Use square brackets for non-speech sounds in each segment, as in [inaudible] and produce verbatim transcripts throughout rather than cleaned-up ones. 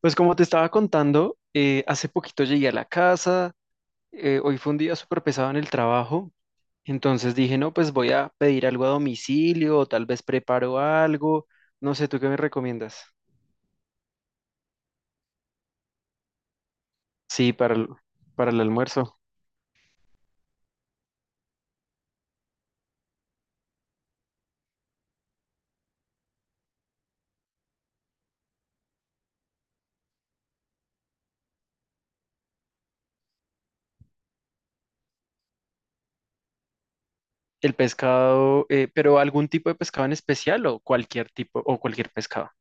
Pues como te estaba contando, eh, hace poquito llegué a la casa, eh, hoy fue un día súper pesado en el trabajo, entonces dije, no, pues voy a pedir algo a domicilio o tal vez preparo algo, no sé, ¿tú qué me recomiendas? Sí, para el, para el almuerzo. El pescado, eh, pero algún tipo de pescado en especial o cualquier tipo o cualquier pescado.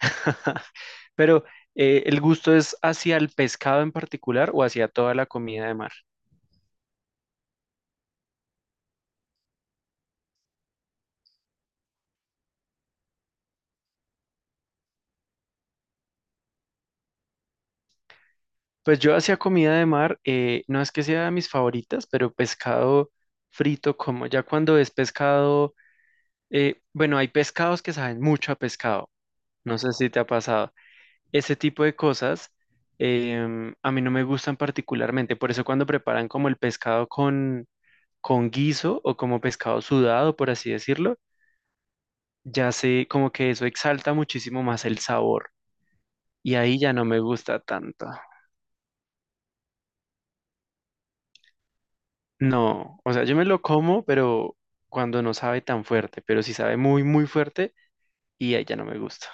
[laughs] Pero eh, ¿el gusto es hacia el pescado en particular o hacia toda la comida de mar? Pues yo hacía comida de mar, eh, no es que sea de mis favoritas, pero pescado frito como ya cuando es pescado, eh, bueno, hay pescados que saben mucho a pescado, no sé si te ha pasado. Ese tipo de cosas em, a mí no me gustan particularmente, por eso cuando preparan como el pescado con, con guiso o como pescado sudado, por así decirlo, ya sé como que eso exalta muchísimo más el sabor y ahí ya no me gusta tanto. No, o sea, yo me lo como, pero cuando no sabe tan fuerte, pero si sabe muy, muy fuerte y ahí ya no me gusta.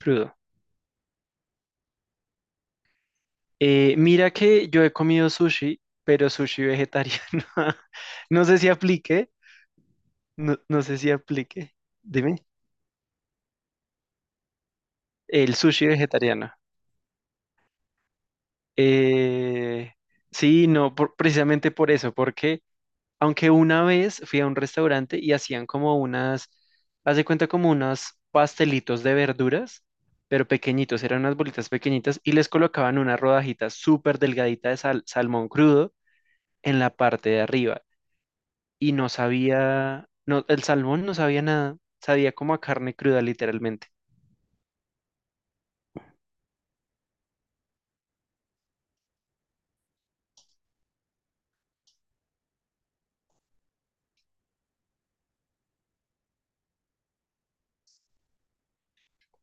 Crudo. Eh, mira que yo he comido sushi, pero sushi vegetariano. [laughs] No sé si aplique, no, no sé si aplique. Dime. El sushi vegetariano. Eh, sí, no, por- precisamente por eso, porque aunque una vez fui a un restaurante y hacían como unas, haz de cuenta como unos pastelitos de verduras, pero pequeñitos, eran unas bolitas pequeñitas y les colocaban una rodajita súper delgadita de sal- salmón crudo en la parte de arriba. Y no sabía, no, el salmón no sabía nada, sabía como a carne cruda literalmente.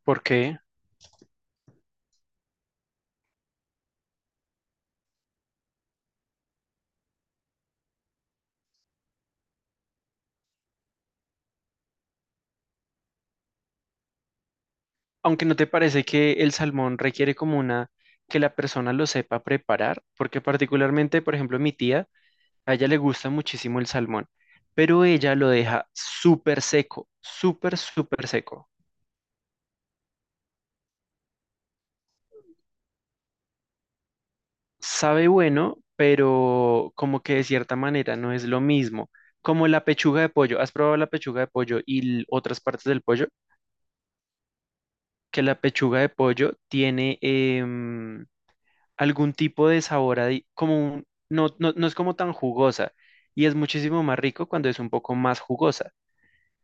¿Por qué? Aunque no te parece que el salmón requiere como una, que la persona lo sepa preparar, porque particularmente, por ejemplo, mi tía, a ella le gusta muchísimo el salmón, pero ella lo deja súper seco, súper, súper seco. Sabe bueno, pero como que de cierta manera no es lo mismo. Como la pechuga de pollo. ¿Has probado la pechuga de pollo y l- otras partes del pollo? Que la pechuga de pollo tiene em, algún tipo de sabor, adi- como un- no, no, no es como tan jugosa y es muchísimo más rico cuando es un poco más jugosa.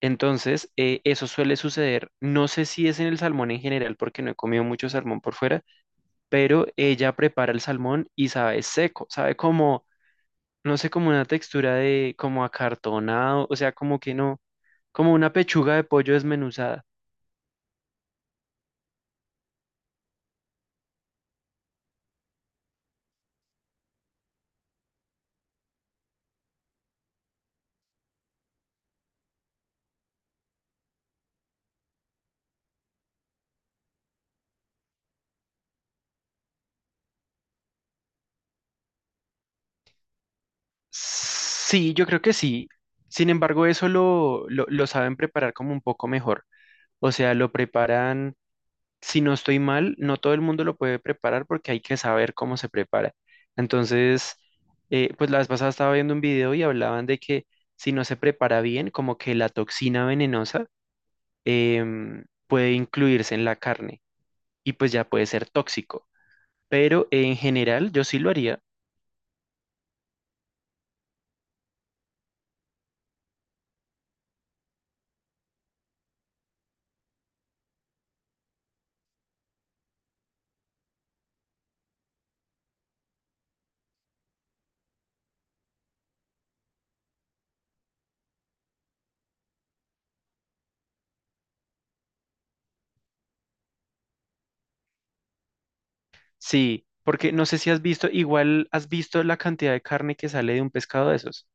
Entonces, eh, eso suele suceder. No sé si es en el salmón en general, porque no he comido mucho salmón por fuera, pero ella prepara el salmón y sabe seco, sabe como, no sé, como una textura de, como acartonado, o sea, como que no, como una pechuga de pollo desmenuzada. Sí, yo creo que sí. Sin embargo, eso lo, lo, lo saben preparar como un poco mejor. O sea, lo preparan si no estoy mal, no todo el mundo lo puede preparar porque hay que saber cómo se prepara. Entonces, eh, pues la vez pasada estaba viendo un video y hablaban de que si no se prepara bien, como que la toxina venenosa em, puede incluirse en la carne y pues ya puede ser tóxico. Pero en general yo sí lo haría, sí, porque no sé si has visto, igual has visto la cantidad de carne que sale de un pescado de esos.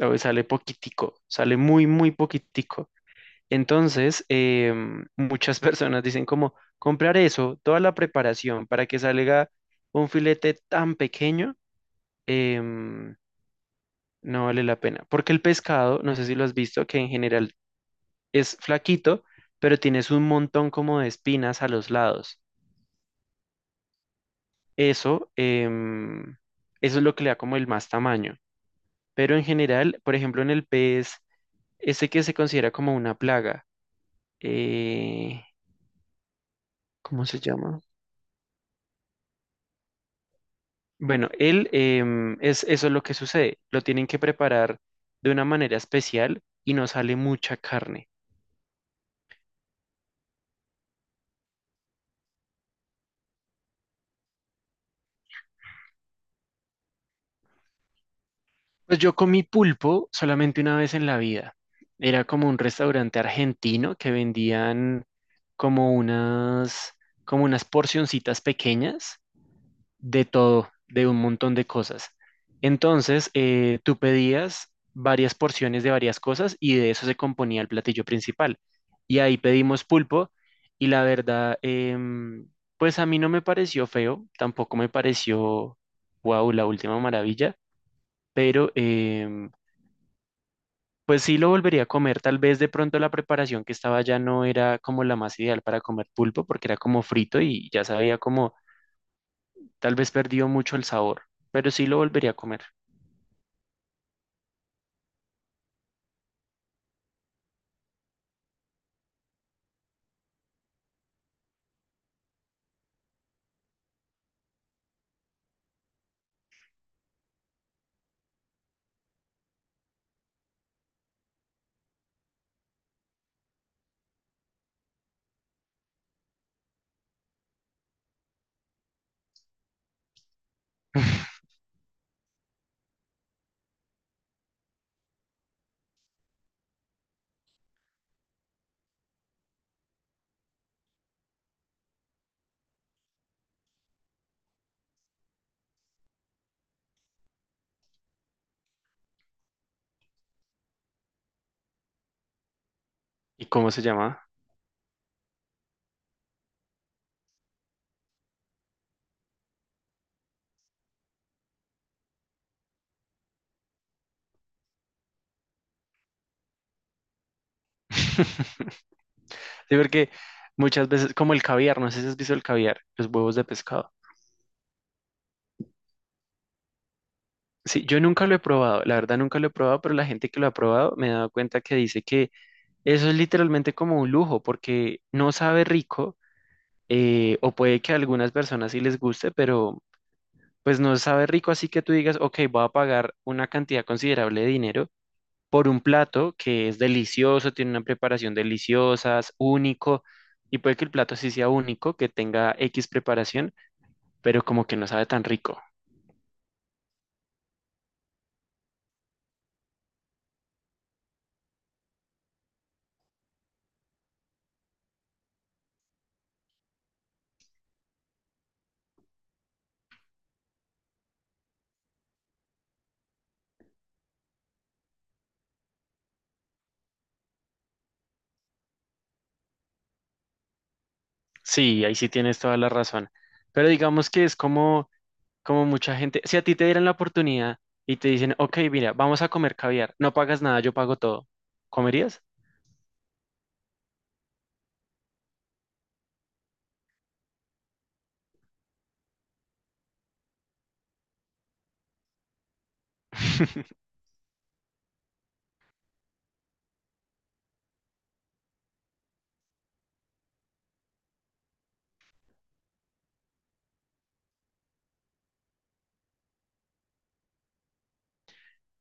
A ver, sale poquitico, sale muy, muy poquitico. Entonces, eh, muchas [laughs] personas dicen como comprar eso, toda la preparación para que salga un filete tan pequeño, em, no vale la pena. Porque el pescado, no sé si lo has visto, que en general es flaquito, pero tienes un montón como de espinas a los lados. Eso, em, eso es lo que le da como el más tamaño. Pero en general, por ejemplo, en el pez, ese que se considera como una plaga, eh, ¿cómo se llama? Bueno, él em, es eso es lo que sucede. Lo tienen que preparar de una manera especial y no sale mucha carne. Pues yo comí pulpo solamente una vez en la vida. Era como un restaurante argentino que vendían como unas como unas porcioncitas pequeñas de todo, de un montón de cosas. Entonces, eh, tú pedías varias porciones de varias cosas y de eso se componía el platillo principal. Y ahí pedimos pulpo y la verdad, em, pues a mí no me pareció feo, tampoco me pareció, wow, la última maravilla, pero em, pues sí lo volvería a comer. Tal vez de pronto la preparación que estaba ya no era como la más ideal para comer pulpo porque era como frito y ya sabía como, tal vez perdió mucho el sabor, pero sí lo volvería a comer. [laughs] ¿Y cómo se llama? [laughs] Sí, porque muchas veces, como el caviar, no sé si has visto el caviar, los huevos de pescado. Sí, yo nunca lo he probado, la verdad nunca lo he probado, pero la gente que lo ha probado me he dado cuenta que dice que eso es literalmente como un lujo, porque no sabe rico, eh, o puede que a algunas personas sí les guste, pero pues no sabe rico, así que tú digas, ok, voy a pagar una cantidad considerable de dinero por un plato que es delicioso, tiene una preparación deliciosa, es único, y puede que el plato sí sea único, que tenga X preparación, pero como que no sabe tan rico. Sí, ahí sí tienes toda la razón. Pero digamos que es como, como mucha gente, si a ti te dieran la oportunidad y te dicen, ok, mira, vamos a comer caviar, no pagas nada, yo pago todo, ¿comerías? [laughs]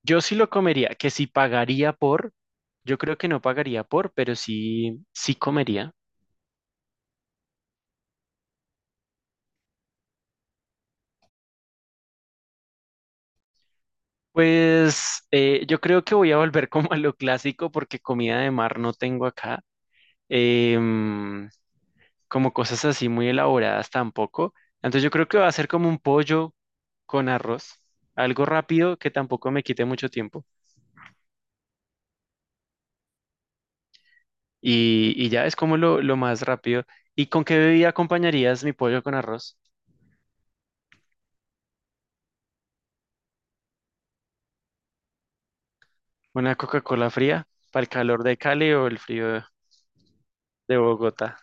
Yo sí lo comería, que si pagaría por, yo creo que no pagaría por, pero sí, sí comería. Pues eh, yo creo que voy a volver como a lo clásico porque comida de mar no tengo acá, em, como cosas así muy elaboradas tampoco. Entonces yo creo que va a ser como un pollo con arroz, algo rápido que tampoco me quite mucho tiempo. Y, y ya es como lo, lo más rápido. ¿Y con qué bebida acompañarías mi pollo con arroz? ¿Una Coca-Cola fría para el calor de Cali o el frío de Bogotá?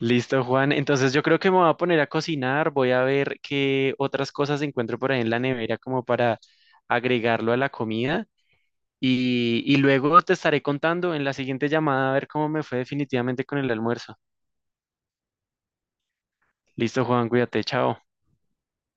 Listo, Juan. Entonces yo creo que me voy a poner a cocinar. Voy a ver qué otras cosas encuentro por ahí en la nevera como para agregarlo a la comida. Y, y luego te estaré contando en la siguiente llamada a ver cómo me fue definitivamente con el almuerzo. Listo, Juan, cuídate, chao.